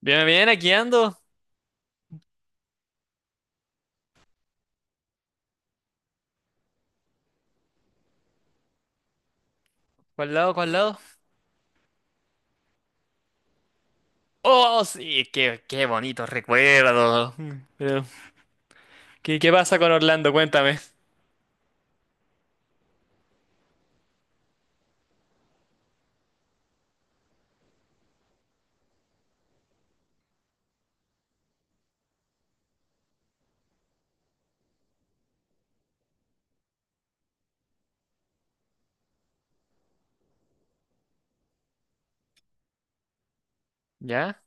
Bien, bien, aquí ando. ¿Cuál lado, cuál lado? Oh, sí, qué bonito recuerdo. Pero, ¿qué pasa con Orlando? Cuéntame. ¿Ya?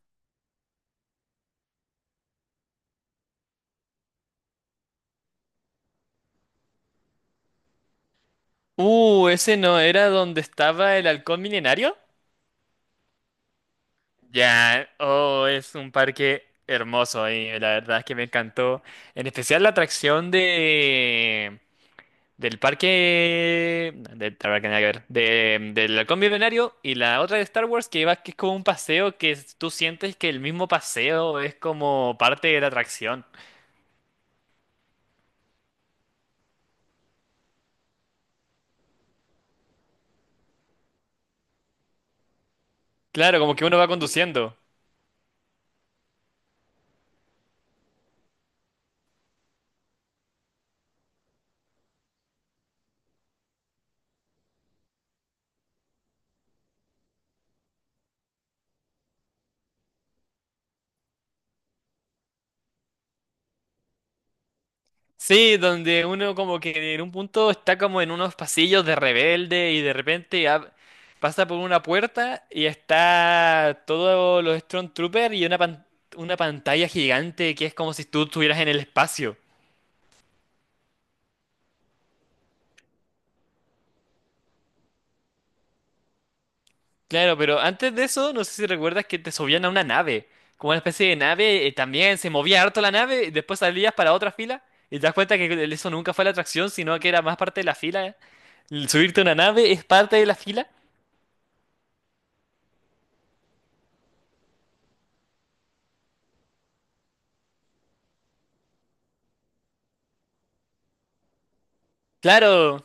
¿Ese no era donde estaba el halcón milenario? Ya, oh, es un parque hermoso y la verdad es que me encantó. En especial la atracción de... del parque. La verdad que nada que ver. Del halcón milenario y la otra de Star Wars que es como un paseo tú sientes que el mismo paseo es como parte de la atracción. Claro, como que uno va conduciendo. Sí, donde uno como que en un punto está como en unos pasillos de rebelde y de repente pasa por una puerta y está todos los Stormtroopers y una pantalla gigante que es como si tú estuvieras en el espacio. Claro, pero antes de eso, no sé si recuerdas que te subían a una nave, como una especie de nave, también se movía harto la nave, y después salías para otra fila, y te das cuenta que eso nunca fue la atracción, sino que era más parte de la fila. El subirte a una nave es parte de la fila. Claro,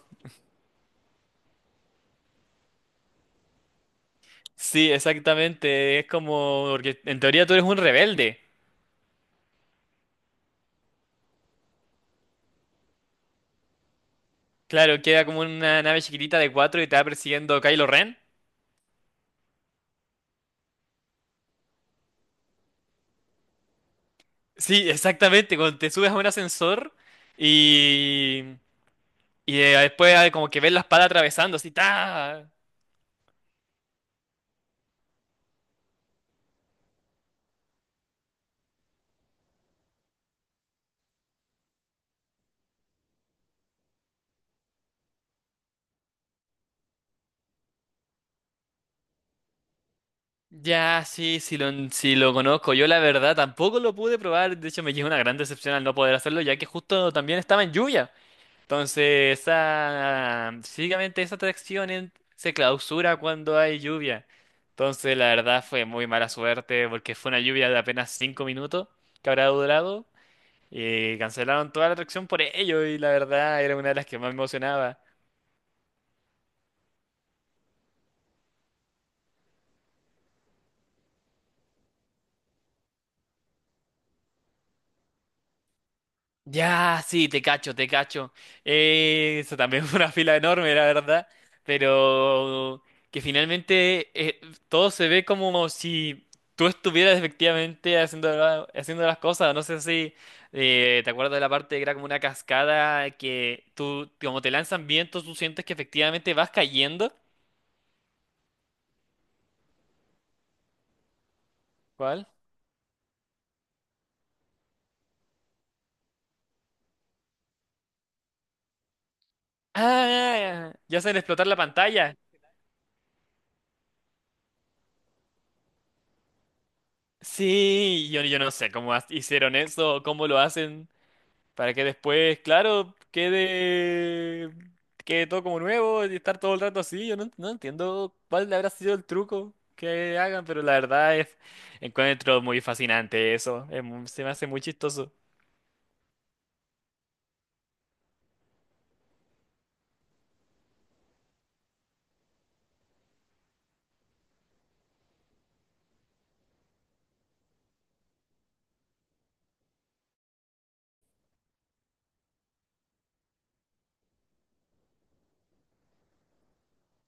sí, exactamente, es como, porque en teoría tú eres un rebelde. Claro, queda como una nave chiquitita de cuatro y te va persiguiendo Kylo Ren. Sí, exactamente, cuando te subes a un ascensor y... Y después ah, como que ves la espada atravesando, así, ¡ta! Ya, sí, sí lo conozco. Yo la verdad tampoco lo pude probar. De hecho, me llevé una gran decepción al no poder hacerlo, ya que justo también estaba en lluvia. Entonces, esa, básicamente esa atracción se clausura cuando hay lluvia. Entonces, la verdad fue muy mala suerte porque fue una lluvia de apenas 5 minutos que habrá durado. Y cancelaron toda la atracción por ello y la verdad era una de las que más me emocionaba. Ya, sí, te cacho, te cacho. Eso también fue una fila enorme, la verdad. Pero que finalmente todo se ve como si tú estuvieras efectivamente haciendo, haciendo las cosas. No sé si te acuerdas de la parte que era como una cascada que tú, como te lanzan vientos, tú sientes que efectivamente vas cayendo. ¿Cuál? Ah, ya hacen explotar la pantalla. Sí, yo no sé cómo hicieron eso, cómo lo hacen. Para que después, claro, quede todo como nuevo y estar todo el rato así. Yo no, no entiendo cuál habrá sido el truco que hagan, pero la verdad es, encuentro muy fascinante eso. Se me hace muy chistoso.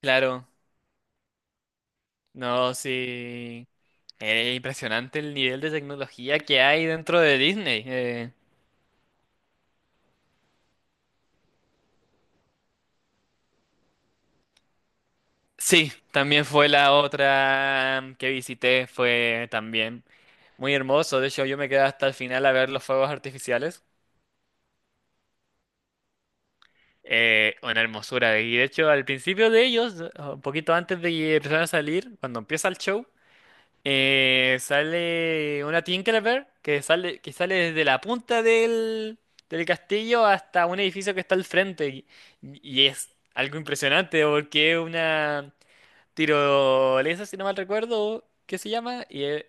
Claro, no, sí. Es impresionante el nivel de tecnología que hay dentro de Disney. Sí, también fue la otra que visité, fue también muy hermoso. De hecho, yo me quedé hasta el final a ver los fuegos artificiales. Una hermosura. Y de hecho, al principio de ellos, un poquito antes de que empezaran a salir, cuando empieza el show, sale una Tinkerbell que sale, desde la punta del castillo hasta un edificio que está al frente. Y es algo impresionante porque es una tirolesa, si no mal recuerdo, ¿qué se llama? Y es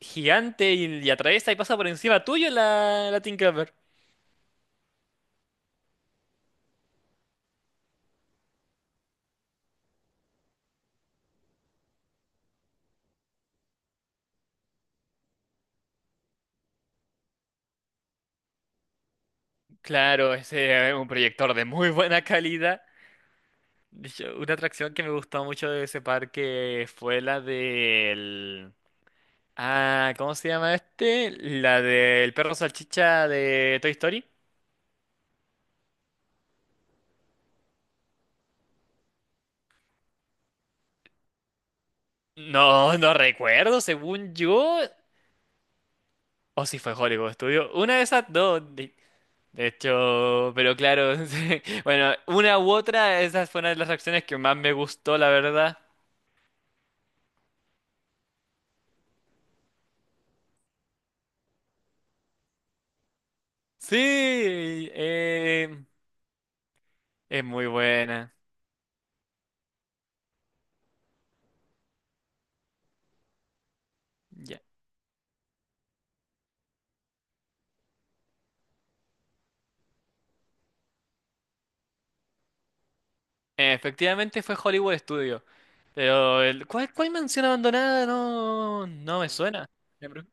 gigante y atraviesa y pasa por encima tuyo la Tinkerbell. Claro, ese es un proyector de muy buena calidad. Una atracción que me gustó mucho de ese parque fue la del... Ah, ¿cómo se llama este? La del perro salchicha de Toy Story. No, no recuerdo, según yo. O si fue Hollywood Studio. Una de esas dos. De hecho, pero claro. Sí. Bueno, una u otra, esa fue una de las atracciones que más me gustó, la verdad. Sí, eh, es muy buena. Ya. Efectivamente fue Hollywood Studio. Pero ¿cuál mansión abandonada? No, no me suena. Ya.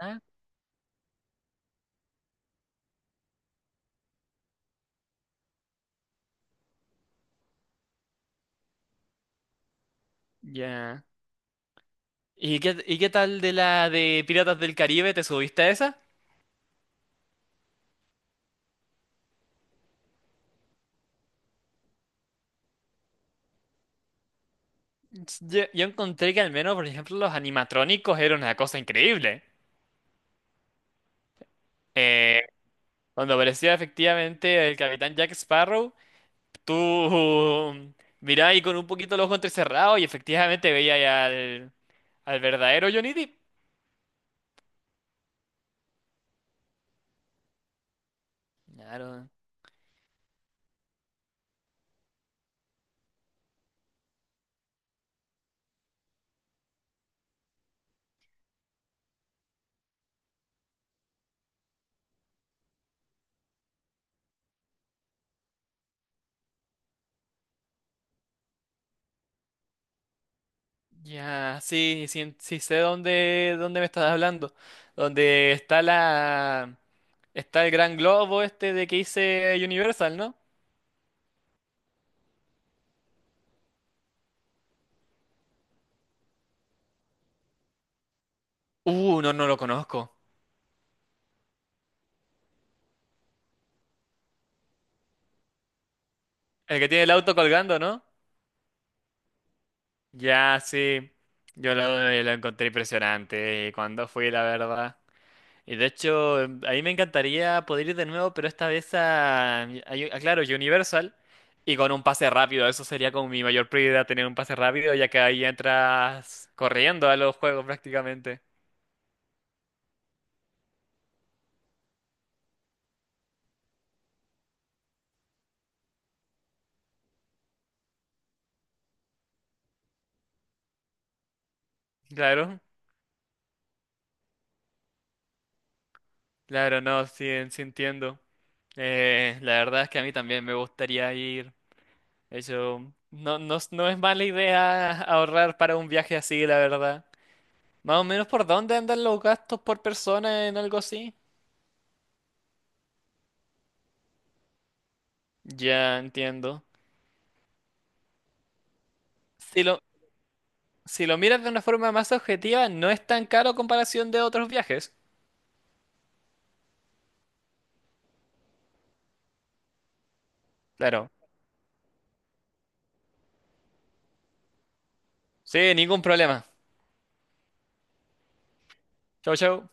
Ah, ya. ¿Y qué tal de la de Piratas del Caribe? ¿Te subiste a esa? Yo encontré que al menos, por ejemplo, los animatrónicos eran una cosa increíble. Eh, Cuando aparecía efectivamente el capitán Jack Sparrow, tú mirabas y con un poquito los ojos entrecerrados y efectivamente veías al, al verdadero Johnny Depp. Claro. Ya, sí, sí, sí sé dónde, me estás hablando. Donde está el gran globo este de que hice Universal, ¿no? No, no lo conozco. El que tiene el auto colgando, ¿no? Ya, sí. Yo lo, lo encontré impresionante cuando fui, la verdad. Y de hecho, a mí me encantaría poder ir de nuevo, pero esta vez claro, Universal y con un pase rápido. Eso sería como mi mayor prioridad, tener un pase rápido, ya que ahí entras corriendo a los juegos prácticamente. Claro, claro, no, sí, sí entiendo. La verdad es que a mí también me gustaría ir. Eso no, no, no es mala idea ahorrar para un viaje así, la verdad. Más o menos por dónde andan los gastos por persona en algo así. Ya entiendo. Sí, si lo miras de una forma más objetiva, no es tan caro a comparación de otros viajes. Claro. Sí, ningún problema. Chau, chau.